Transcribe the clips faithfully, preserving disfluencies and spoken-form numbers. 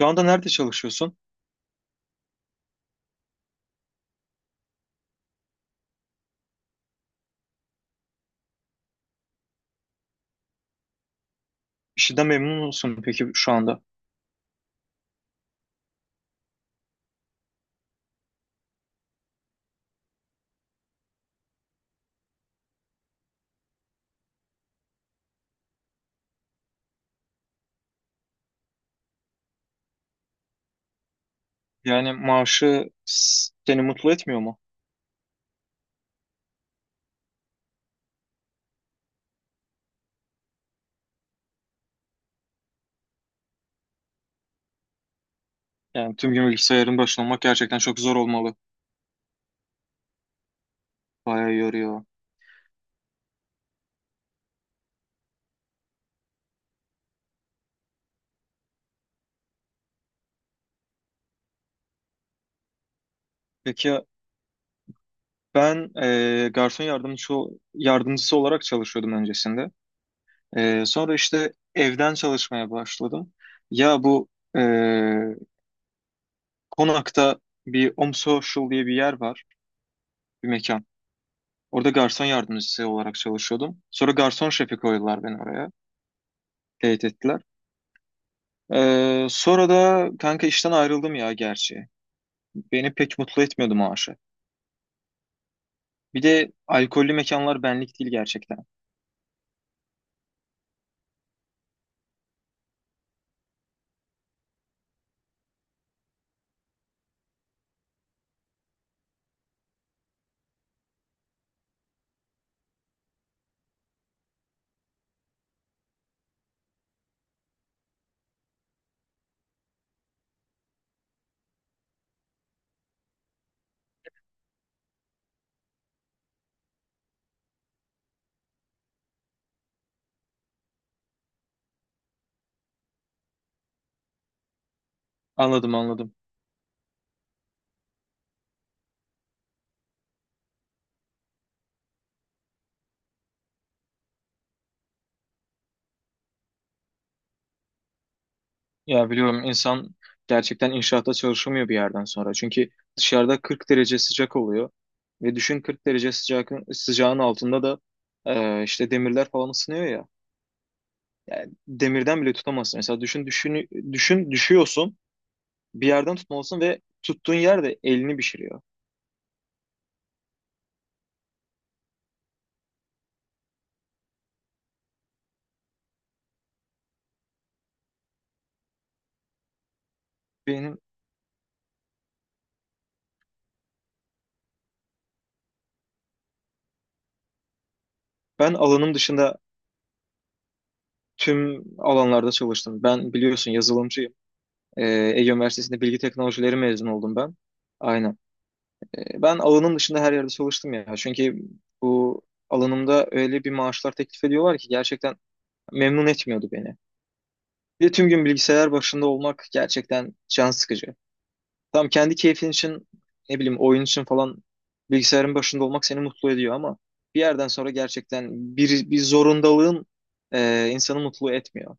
Şu anda nerede çalışıyorsun? İşinden memnun musun peki şu anda? Yani maaşı s- seni mutlu etmiyor mu? Yani tüm gün bilgisayarın başında olmak gerçekten çok zor olmalı. Bayağı yoruyor. Peki ben e, garson yardımcısı, yardımcısı olarak çalışıyordum öncesinde. E, sonra işte evden çalışmaya başladım. Ya bu e, Konak'ta bir Om Social diye bir yer var, bir mekan. Orada garson yardımcısı olarak çalışıyordum. Sonra garson şefi koydular beni oraya. Teyit ettiler. Ee, sonra da kanka işten ayrıldım ya gerçi. Beni pek mutlu etmiyordu maaşı. Bir de alkollü mekanlar benlik değil gerçekten. Anladım, anladım. Ya biliyorum, insan gerçekten inşaatta çalışamıyor bir yerden sonra. Çünkü dışarıda kırk derece sıcak oluyor. Ve düşün, kırk derece sıcak, sıcağın altında da e, işte demirler falan ısınıyor ya. Yani demirden bile tutamazsın. Mesela düşün, düşün, düşün, düşüyorsun, bir yerden tutmalısın ve tuttuğun yer de elini pişiriyor. Benim ben alanım dışında tüm alanlarda çalıştım. Ben biliyorsun yazılımcıyım. Ee, Ege Üniversitesi'nde bilgi teknolojileri mezun oldum ben. Aynen. Ee, ben alanım dışında her yerde çalıştım ya. Çünkü bu alanımda öyle bir maaşlar teklif ediyorlar ki gerçekten memnun etmiyordu beni. Bir de tüm gün bilgisayar başında olmak gerçekten can sıkıcı. Tam kendi keyfin için ne bileyim oyun için falan bilgisayarın başında olmak seni mutlu ediyor ama bir yerden sonra gerçekten bir, bir zorundalığın e, insanı mutlu etmiyor.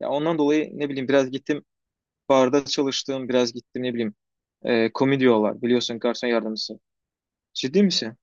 Ya ondan dolayı ne bileyim biraz gittim barda çalıştığım, biraz gittim ne bileyim. E, komi biliyorsun, garson yardımcısı. Ciddi misin?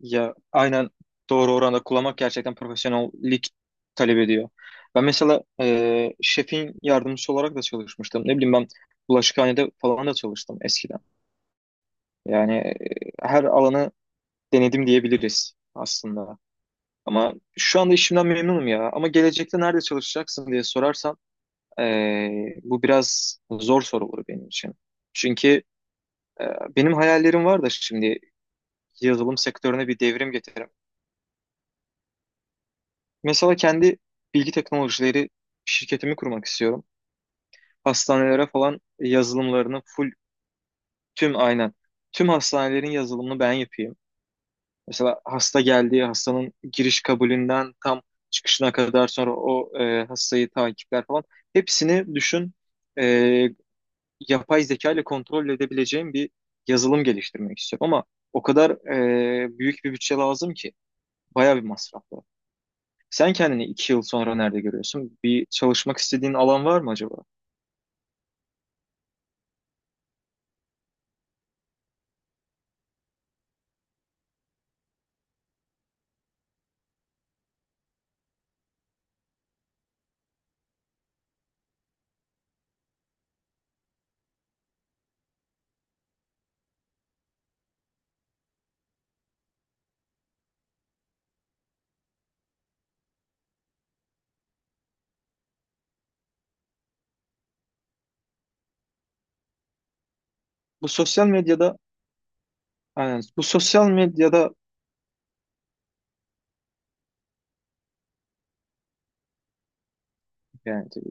Ya aynen, doğru oranda kullanmak gerçekten profesyonellik talep ediyor. Ben mesela e, şefin yardımcısı olarak da çalışmıştım. Ne bileyim, ben bulaşıkhanede falan da çalıştım eskiden. Yani e, her alanı denedim diyebiliriz aslında. Ama şu anda işimden memnunum ya. Ama gelecekte nerede çalışacaksın diye sorarsan e, bu biraz zor soru olur benim için. Çünkü Ee, benim hayallerim var da şimdi yazılım sektörüne bir devrim getiririm. Mesela kendi bilgi teknolojileri şirketimi kurmak istiyorum. Hastanelere falan yazılımlarını full, tüm, aynen, tüm hastanelerin yazılımını ben yapayım. Mesela hasta geldiği, hastanın giriş kabulünden tam çıkışına kadar, sonra o e, hastayı takipler falan, hepsini düşün, e, yapay zeka ile kontrol edebileceğim bir yazılım geliştirmek istiyorum ama o kadar e, büyük bir bütçe lazım ki. Bayağı bir masraf var. Sen kendini iki yıl sonra nerede görüyorsun? Bir çalışmak istediğin alan var mı acaba? Bu sosyal medyada, aynen, bu sosyal medyada, yani tabii,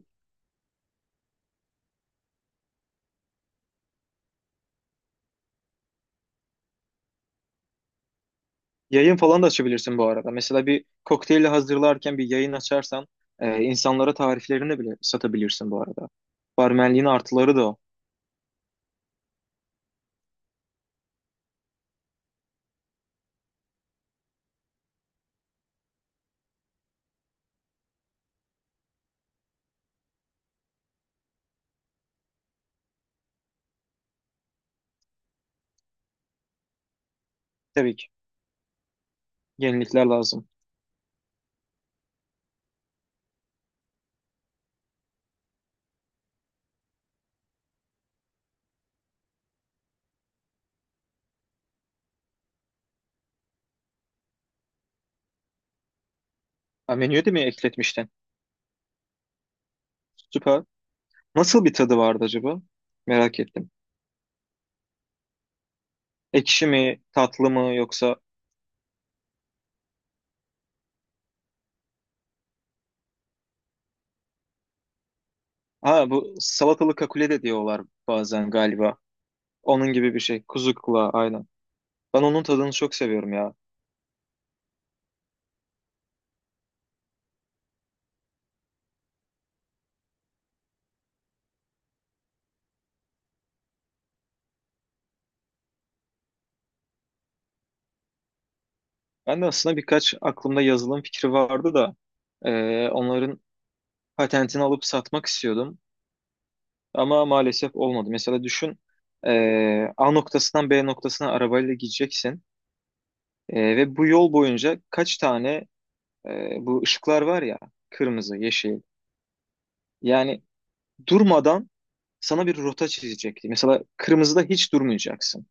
yayın falan da açabilirsin bu arada. Mesela bir kokteyli hazırlarken bir yayın açarsan e, insanlara tariflerini bile satabilirsin bu arada. Barmenliğin artıları da o. Tabii ki, yenilikler lazım. Ha, menüye de mi ekletmiştin? Süper. Nasıl bir tadı vardı acaba? Merak ettim. Ekşi mi, tatlı mı, yoksa? Ha, bu salatalı kakule de diyorlar bazen galiba. Onun gibi bir şey. Kuzu kulağı, aynen. Ben onun tadını çok seviyorum ya. Ben de aslında birkaç aklımda yazılım fikri vardı da e, onların patentini alıp satmak istiyordum. Ama maalesef olmadı. Mesela düşün, e, A noktasından B noktasına arabayla gideceksin. E, ve bu yol boyunca kaç tane e, bu ışıklar var ya, kırmızı, yeşil. Yani durmadan sana bir rota çizecekti. Mesela kırmızıda hiç durmayacaksın.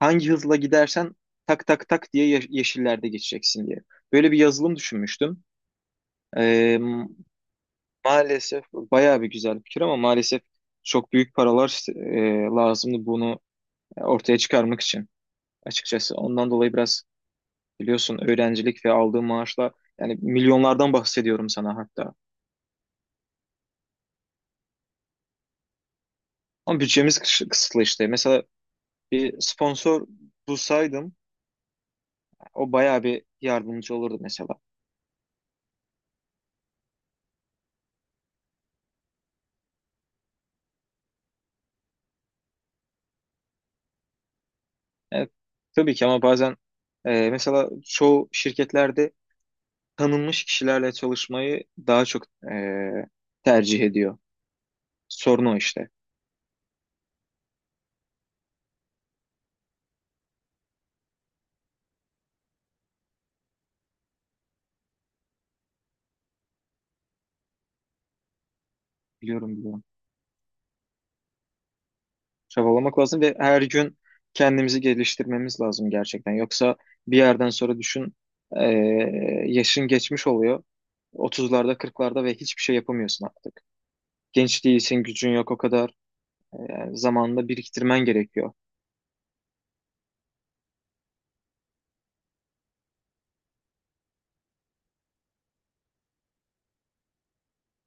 Hangi hızla gidersen tak tak tak diye ye- yeşillerde geçeceksin diye. Böyle bir yazılım düşünmüştüm. Ee, Maalesef bayağı bir güzel bir fikir ama maalesef çok büyük paralar e, lazımdı bunu ortaya çıkarmak için açıkçası. Ondan dolayı biraz, biliyorsun, öğrencilik ve aldığım maaşla, yani milyonlardan bahsediyorum sana hatta. Ama bütçemiz kıs- kısıtlı işte. Mesela bir sponsor bulsaydım o bayağı bir yardımcı olurdu mesela. Evet, tabii ki, ama bazen e, mesela çoğu şirketlerde tanınmış kişilerle çalışmayı daha çok e, tercih ediyor. Sorun o işte. Biliyorum, biliyorum. Çabalamak lazım ve her gün kendimizi geliştirmemiz lazım gerçekten. Yoksa bir yerden sonra düşün, e, yaşın geçmiş oluyor. Otuzlarda, kırklarda ve hiçbir şey yapamıyorsun artık. Genç değilsin, gücün yok o kadar. E, yani zamanında biriktirmen gerekiyor.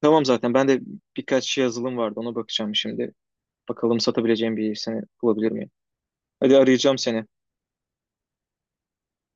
Tamam, zaten ben de birkaç yazılım vardı, ona bakacağım şimdi. Bakalım, satabileceğim bir seni bulabilir miyim? Hadi, arayacağım seni.